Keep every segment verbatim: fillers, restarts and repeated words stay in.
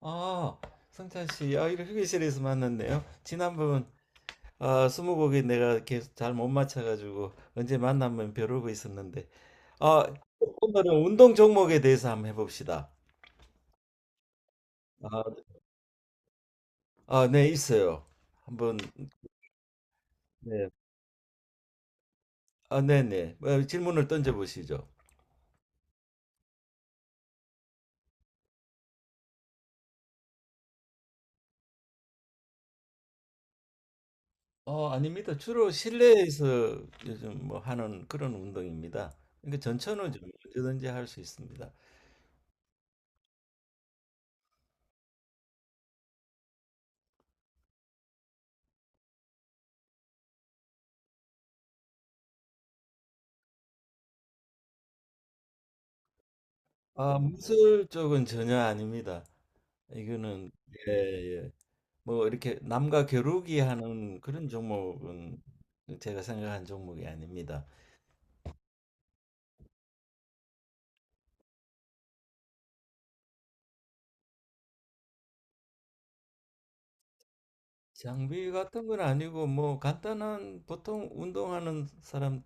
아, 성찬 씨, 아, 이렇게 휴게실에서 만났네요. 지난번 아, 스무고개 내가 계속 잘 못 맞춰가지고 언제 만나면 벼르고 있었는데, 아, 오늘은 운동 종목에 대해서 한번 해봅시다. 아, 아, 네, 있어요. 한번, 네, 아, 네, 네, 뭐, 질문을 던져보시죠. 어, 아닙니다. 주로 실내에서 요즘 뭐 하는 그런 운동입니다. 그러니까 전천후 좀 언제든지 할 수 있습니다. 아, 무술 쪽은 전혀 아닙니다. 이거는 예, 예. 뭐 이렇게 남과 겨루기 하는 그런 종목은 제가 생각한 종목이 아닙니다. 장비 같은 건 아니고 뭐 간단한 보통 운동하는 사람들이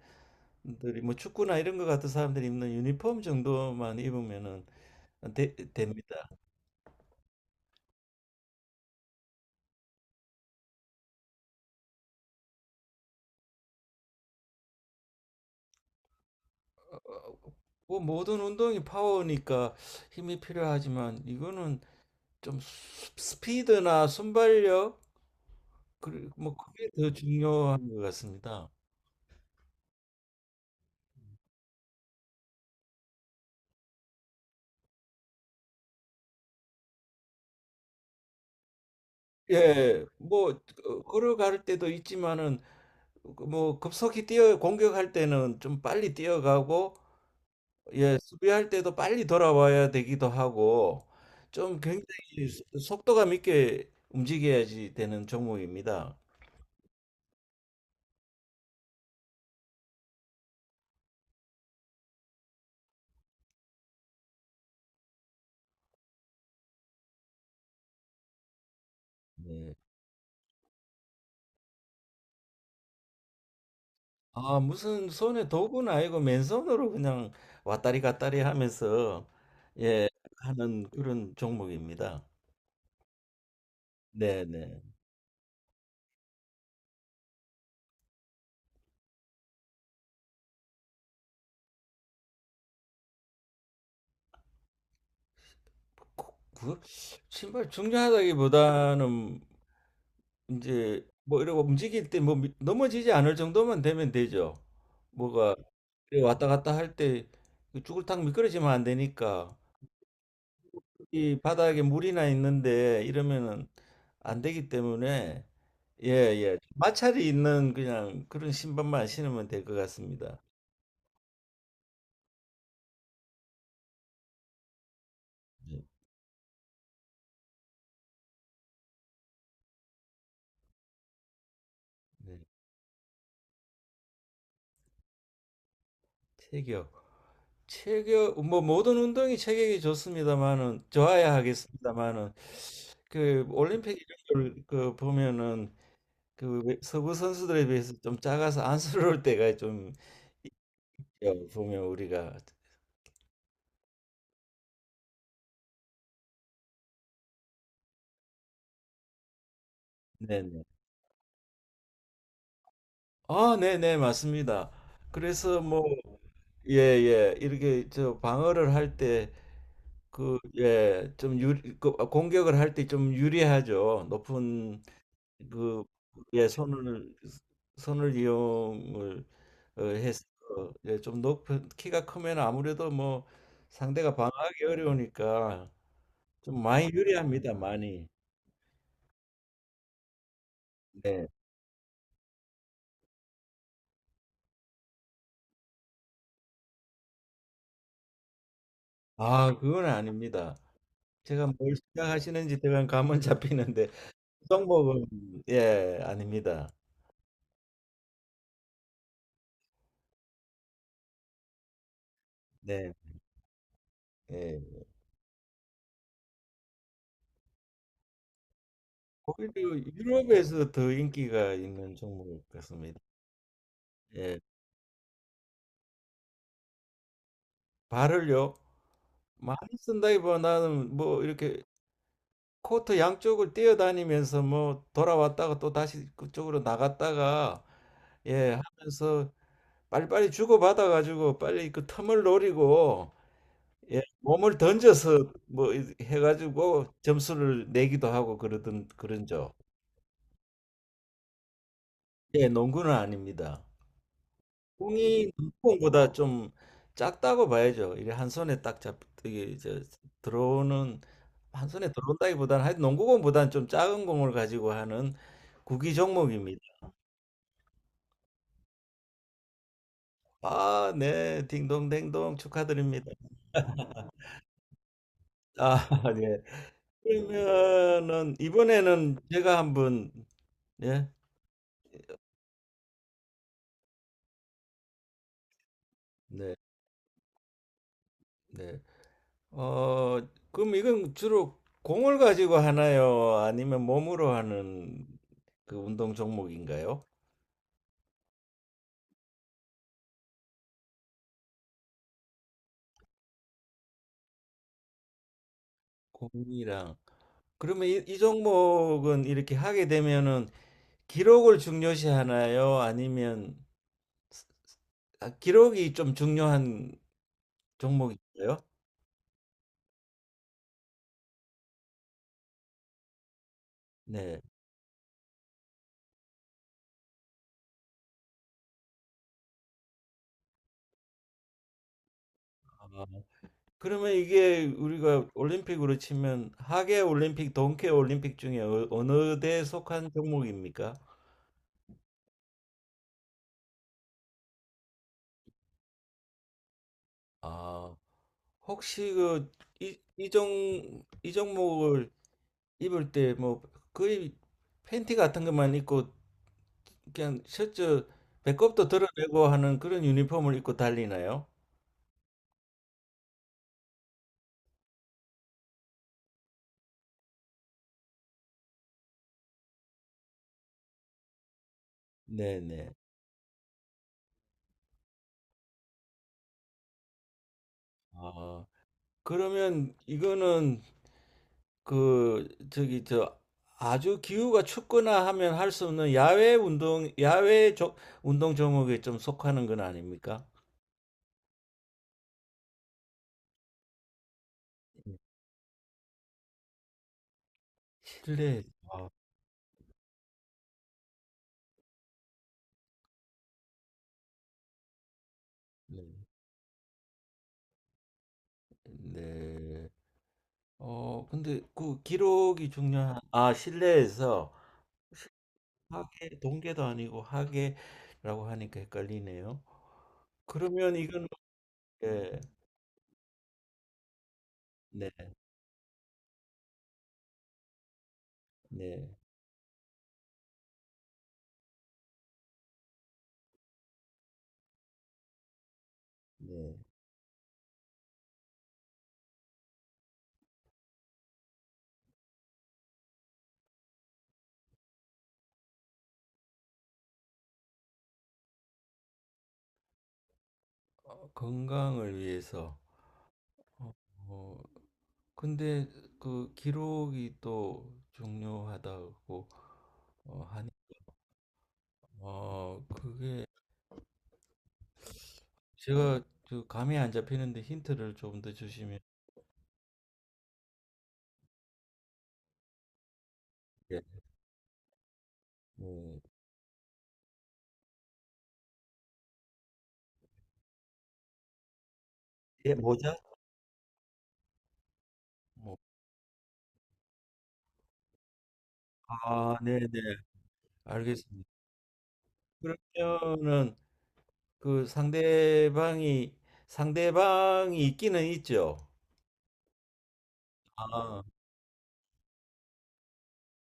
뭐 축구나 이런 거 같은 사람들이 입는 유니폼 정도만 입으면은 되, 됩니다. 어, 뭐 모든 운동이 파워니까 힘이 필요하지만 이거는 좀 스- 스피드나 순발력 그리고 뭐 그게 더 중요한 것 같습니다. 예, 뭐 어, 걸어갈 때도 있지만은 그뭐 급속히 뛰어 공격할 때는 좀 빨리 뛰어가고 예, 수비할 때도 빨리 돌아와야 되기도 하고 좀 굉장히 속도감 있게 움직여야지 되는 종목입니다. 네. 아, 무슨 손에 도구는 아니고 맨손으로 그냥 왔다리 갔다리 하면서 예, 하는 그런 종목입니다. 네, 네. 그, 그 신발 중요하다기보다는 이제 뭐 이러고 움직일 때 뭐 넘어지지 않을 정도만 되면 되죠. 뭐가 이래 왔다 갔다 할 때 쭈글탕 미끄러지면 안 되니까 이 바닥에 물이나 있는데 이러면은 안 되기 때문에 예, 예. 마찰이 있는 그냥 그런 신발만 신으면 될 것 같습니다. 네. 네. 체격. 체격 뭐 모든 운동이 체격이 좋습니다만은 좋아야 하겠습니다만은 그 올림픽 이런 걸그 보면은 그 외- 서구 선수들에 비해서 좀 작아서 안쓰러울 때가 좀 있어요, 보면 우리가 네네 아 네네 맞습니다. 그래서 뭐 예예 이렇게 저 방어를 할 때 그 예 좀 유리 그 공격을 할 때 좀 유리하죠. 높은 그 예 손을 손을 이용을 어, 해서 예, 좀 높은 키가 크면 아무래도 뭐 상대가 방어하기 어려우니까 좀 많이 유리합니다 많이. 네. 아, 그건 아닙니다. 제가 뭘 생각하시는지 제가 감은 잡히는데 종목은 예, 아닙니다. 네. 예. 오히려 유럽에서 더 인기가 있는 종목 같습니다. 예. 발을요. 많이 쓴다기보다는 뭐 이렇게 코트 양쪽을 뛰어다니면서 뭐 돌아왔다가 또 다시 그쪽으로 나갔다가 예, 하면서 빨리빨리 주고받아 가지고 빨리 그 틈을 노리고 예, 몸을 던져서 뭐 이- 해가지고 점수를 내기도 하고 그러던 그런 죠. 예, 농구는 아닙니다. 공이 눈공보다 좀 작다고 봐야죠. 이게 한 손에 딱 잡, 이게 이제 들어오는 한 손에 들어온다기보다는 하여튼 농구공보다는 좀 작은 공을 가지고 하는 구기 종목입니다. 아, 네, 딩동댕동 축하드립니다. 아, 예. 그러면은 이번에는 제가 한번 예, 네, 네. 어, 그럼 이건 주로 공을 가지고 하나요? 아니면 몸으로 하는 그 운동 종목인가요? 공이랑. 그러면 이, 이 종목은 이렇게 하게 되면은 기록을 중요시 하나요? 아니면 아, 기록이 좀 중요한 종목인가요? 네. 아, 그러면 이게 우리가 올림픽으로 치면 하계 올림픽, 동계 올림픽 중에 어- 어느 대에 속한 종목입니까? 아, 혹시 그 이, 이종 이종목을 입을 때 뭐 거의 팬티 같은 것만 입고 그냥 셔츠 배꼽도 드러내고 하는 그런 유니폼을 입고 달리나요? 네네. 아, 그러면 이거는 그 저기 저 아주 기후가 춥거나 하면 할 수 없는 야외 운동 야외 조, 운동 종목에 좀 속하는 건 아닙니까? 실내. 아, 네. 네. 어, 근데 그 기록이 중요한, 아, 실내에서 하계, 동계도 아니고 하계라고 하니까 헷갈리네요. 그러면 이건, 네, 네, 네, 네. 어, 건강을 위해서. 어, 어, 근데 그 기록이 또 중요하다고 어, 하니, 어, 그게 제가 그 감이 안 잡히는데 힌트를 좀 더 주시면, 예, 네. 예, 모자? 뭐, 아, 네네. 알겠습니다. 그러면은 그 상대방이 상대방이 있기는 있죠. 아,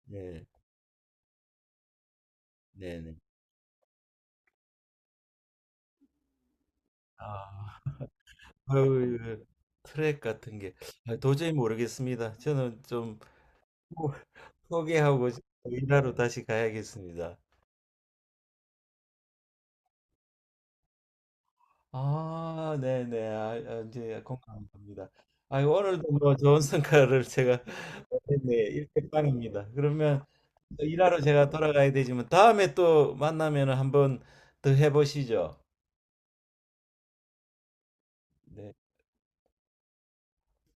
네, 네, 네. 아, 아유, 그 트랙 같은 게 아, 도저히 모르겠습니다. 저는 좀 포- 포기하고 일하러 다시 가야겠습니다. 아, 네네. 아, 아, 이제 공감합니다. 아, 오늘도 뭐 좋은 성과를 제가 네, 일대빵입니다. 그러면 또 일하러 제가 돌아가야 되지만 다음에 또 만나면 한번 더 해보시죠. 네.